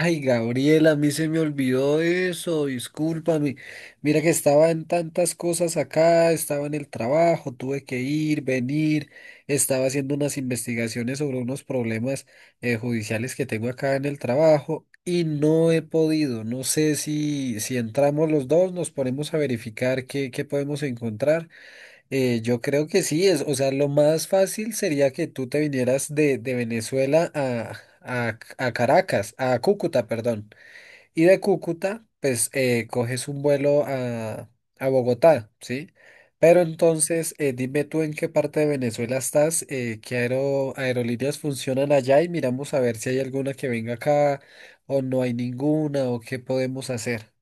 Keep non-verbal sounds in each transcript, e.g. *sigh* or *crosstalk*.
Ay, Gabriela, a mí se me olvidó eso, discúlpame. Mira que estaba en tantas cosas acá, estaba en el trabajo, tuve que ir, venir, estaba haciendo unas investigaciones sobre unos problemas judiciales que tengo acá en el trabajo y no he podido. No sé si entramos los dos, nos ponemos a verificar qué podemos encontrar. Yo creo que sí, es, o sea, lo más fácil sería que tú te vinieras de Venezuela a, a Caracas, a Cúcuta, perdón. Y de Cúcuta, pues coges un vuelo a Bogotá, ¿sí? Pero entonces, dime tú en qué parte de Venezuela estás, qué aerolíneas funcionan allá y miramos a ver si hay alguna que venga acá o no hay ninguna o qué podemos hacer.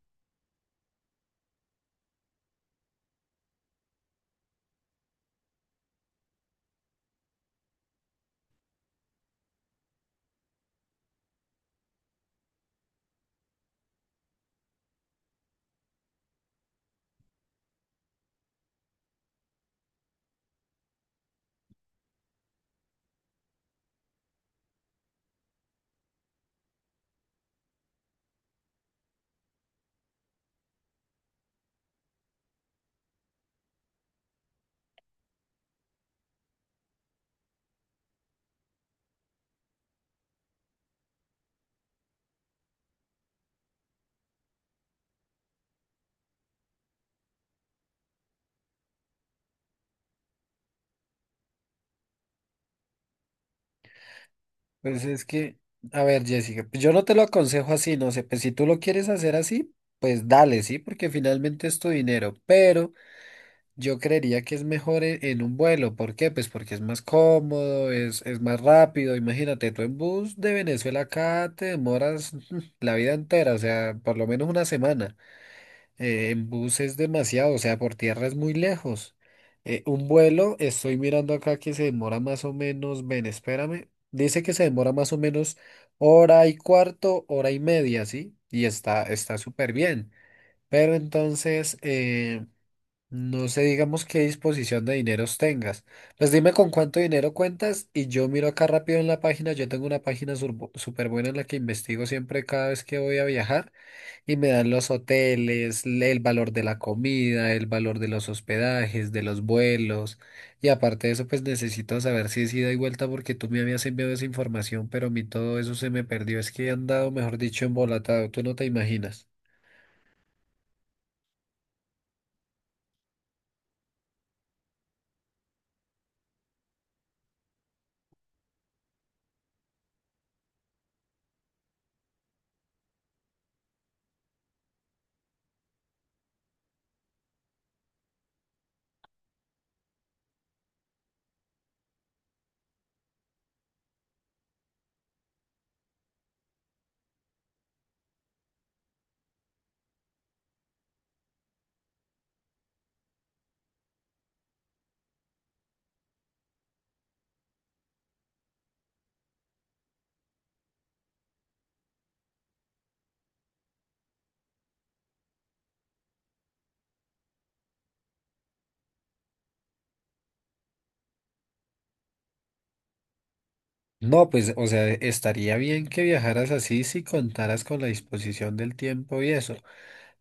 Pues es que, a ver, Jessica, pues yo no te lo aconsejo así, no sé, pues si tú lo quieres hacer así, pues dale, sí, porque finalmente es tu dinero, pero yo creería que es mejor un vuelo, ¿por qué? Pues porque es más cómodo, es más rápido, imagínate, tú en bus de Venezuela acá te demoras *laughs* la vida entera, o sea, por lo menos una semana. En bus es demasiado, o sea, por tierra es muy lejos. Un vuelo, estoy mirando acá que se demora más o menos, ven, espérame, dice que se demora más o menos hora y cuarto, hora y media, ¿sí? Y está súper bien. Pero entonces, no sé, digamos qué disposición de dineros tengas. Pues dime con cuánto dinero cuentas y yo miro acá rápido en la página, yo tengo una página súper buena en la que investigo siempre cada vez que voy a viajar. Y me dan los hoteles, el valor de la comida, el valor de los hospedajes, de los vuelos. Y aparte de eso, pues necesito saber si es ida y vuelta porque tú me habías enviado esa información, pero a mí todo eso se me perdió. Es que he andado, mejor dicho, embolatado. Tú no te imaginas. No, pues, o sea, estaría bien que viajaras así si contaras con la disposición del tiempo y eso.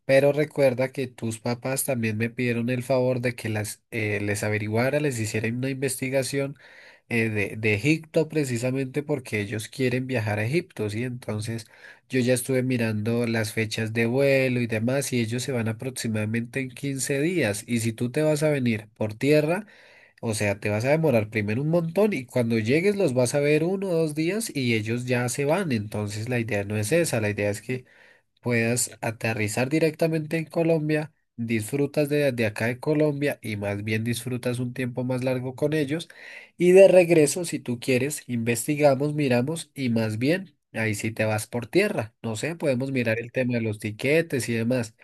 Pero recuerda que tus papás también me pidieron el favor de que las, les averiguara, les hiciera una investigación de Egipto precisamente porque ellos quieren viajar a Egipto, ¿sí? Entonces yo ya estuve mirando las fechas de vuelo y demás y ellos se van aproximadamente en 15 días. Y si tú te vas a venir por tierra, o sea, te vas a demorar primero un montón y cuando llegues los vas a ver uno o dos días y ellos ya se van. Entonces la idea no es esa, la idea es que puedas aterrizar directamente en Colombia, disfrutas de acá de Colombia y más bien disfrutas un tiempo más largo con ellos. Y de regreso, si tú quieres, investigamos, miramos y más bien ahí sí te vas por tierra. No sé, podemos mirar el tema de los tiquetes y demás.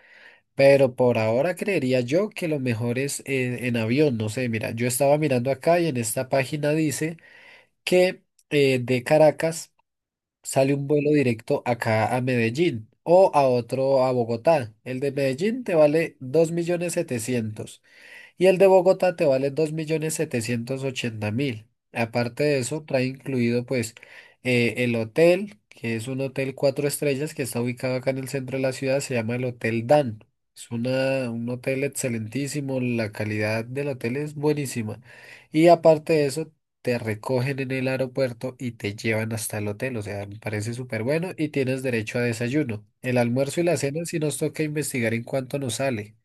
Pero por ahora creería yo que lo mejor es en avión, no sé, mira, yo estaba mirando acá y en esta página dice que de Caracas sale un vuelo directo acá a Medellín o a otro a Bogotá. El de Medellín te vale 2.700.000 y el de Bogotá te vale 2.780.000. Aparte de eso, trae incluido pues el hotel, que es un hotel cuatro estrellas que está ubicado acá en el centro de la ciudad, se llama el Hotel Dan. Es una, un hotel excelentísimo, la calidad del hotel es buenísima. Y aparte de eso, te recogen en el aeropuerto y te llevan hasta el hotel, o sea, me parece súper bueno y tienes derecho a desayuno. El almuerzo y la cena si nos toca investigar en cuánto nos sale.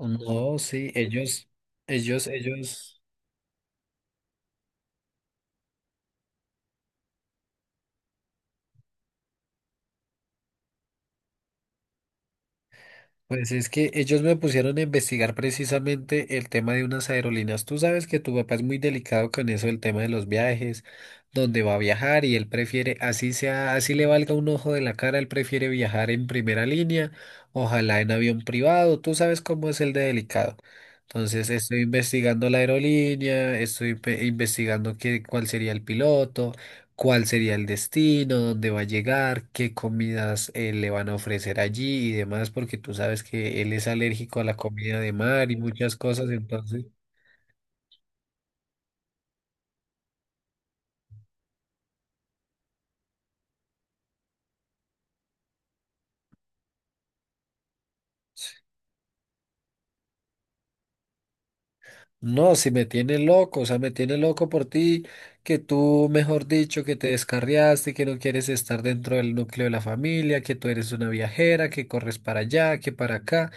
No, sí, ellos, ellos, pues es que ellos me pusieron a investigar precisamente el tema de unas aerolíneas. Tú sabes que tu papá es muy delicado con eso, el tema de los viajes, dónde va a viajar y él prefiere, así sea, así le valga un ojo de la cara, él prefiere viajar en primera línea, ojalá en avión privado, tú sabes cómo es el de delicado. Entonces estoy investigando la aerolínea, estoy investigando cuál sería el piloto. Cuál sería el destino, dónde va a llegar, qué comidas le van a ofrecer allí y demás, porque tú sabes que él es alérgico a la comida de mar y muchas cosas, entonces... No, si me tiene loco, o sea, me tiene loco por ti, que tú, mejor dicho, que te descarriaste, que no quieres estar dentro del núcleo de la familia, que tú eres una viajera, que corres para allá, que para acá,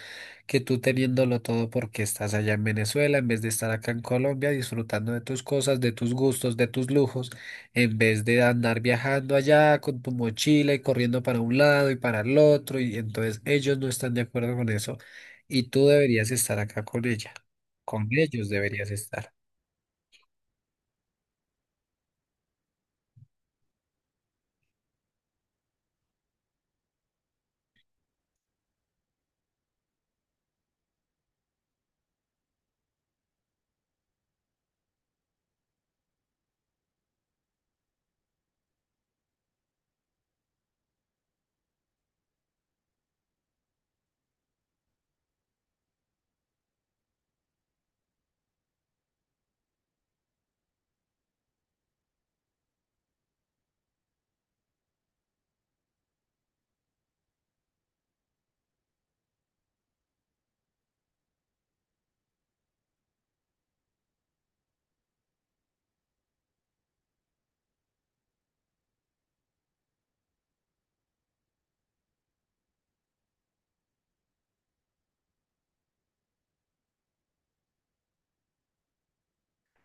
que tú teniéndolo todo porque estás allá en Venezuela, en vez de estar acá en Colombia disfrutando de tus cosas, de tus gustos, de tus lujos, en vez de andar viajando allá con tu mochila y corriendo para un lado y para el otro, y entonces ellos no están de acuerdo con eso, y tú deberías estar acá con ella. Con ellos deberías estar.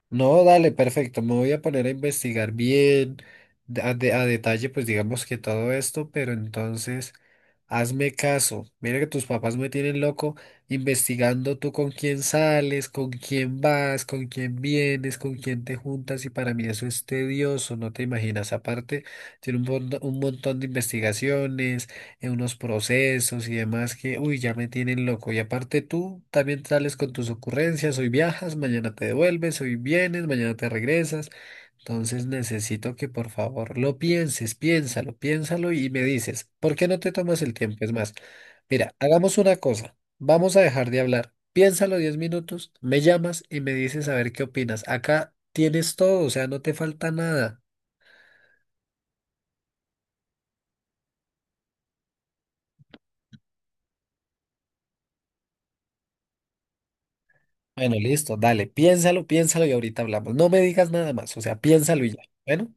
No, dale, perfecto. Me voy a poner a investigar bien, a detalle, pues digamos que todo esto, pero entonces hazme caso. Mira que tus papás me tienen loco investigando tú con quién sales, con quién vas, con quién vienes, con quién te juntas, y para mí eso es tedioso, no te imaginas. Aparte, tiene un montón de investigaciones unos procesos y demás que, uy, ya me tienen loco. Y aparte tú también sales con tus ocurrencias, hoy viajas, mañana te devuelves, hoy vienes, mañana te regresas. Entonces necesito que por favor lo pienses, piénsalo y me dices, ¿por qué no te tomas el tiempo? Es más, mira, hagamos una cosa, vamos a dejar de hablar. Piénsalo 10 minutos, me llamas y me dices a ver qué opinas. Acá tienes todo, o sea, no te falta nada. Bueno, listo, dale, piénsalo y ahorita hablamos. No me digas nada más, o sea, piénsalo y ya. Bueno.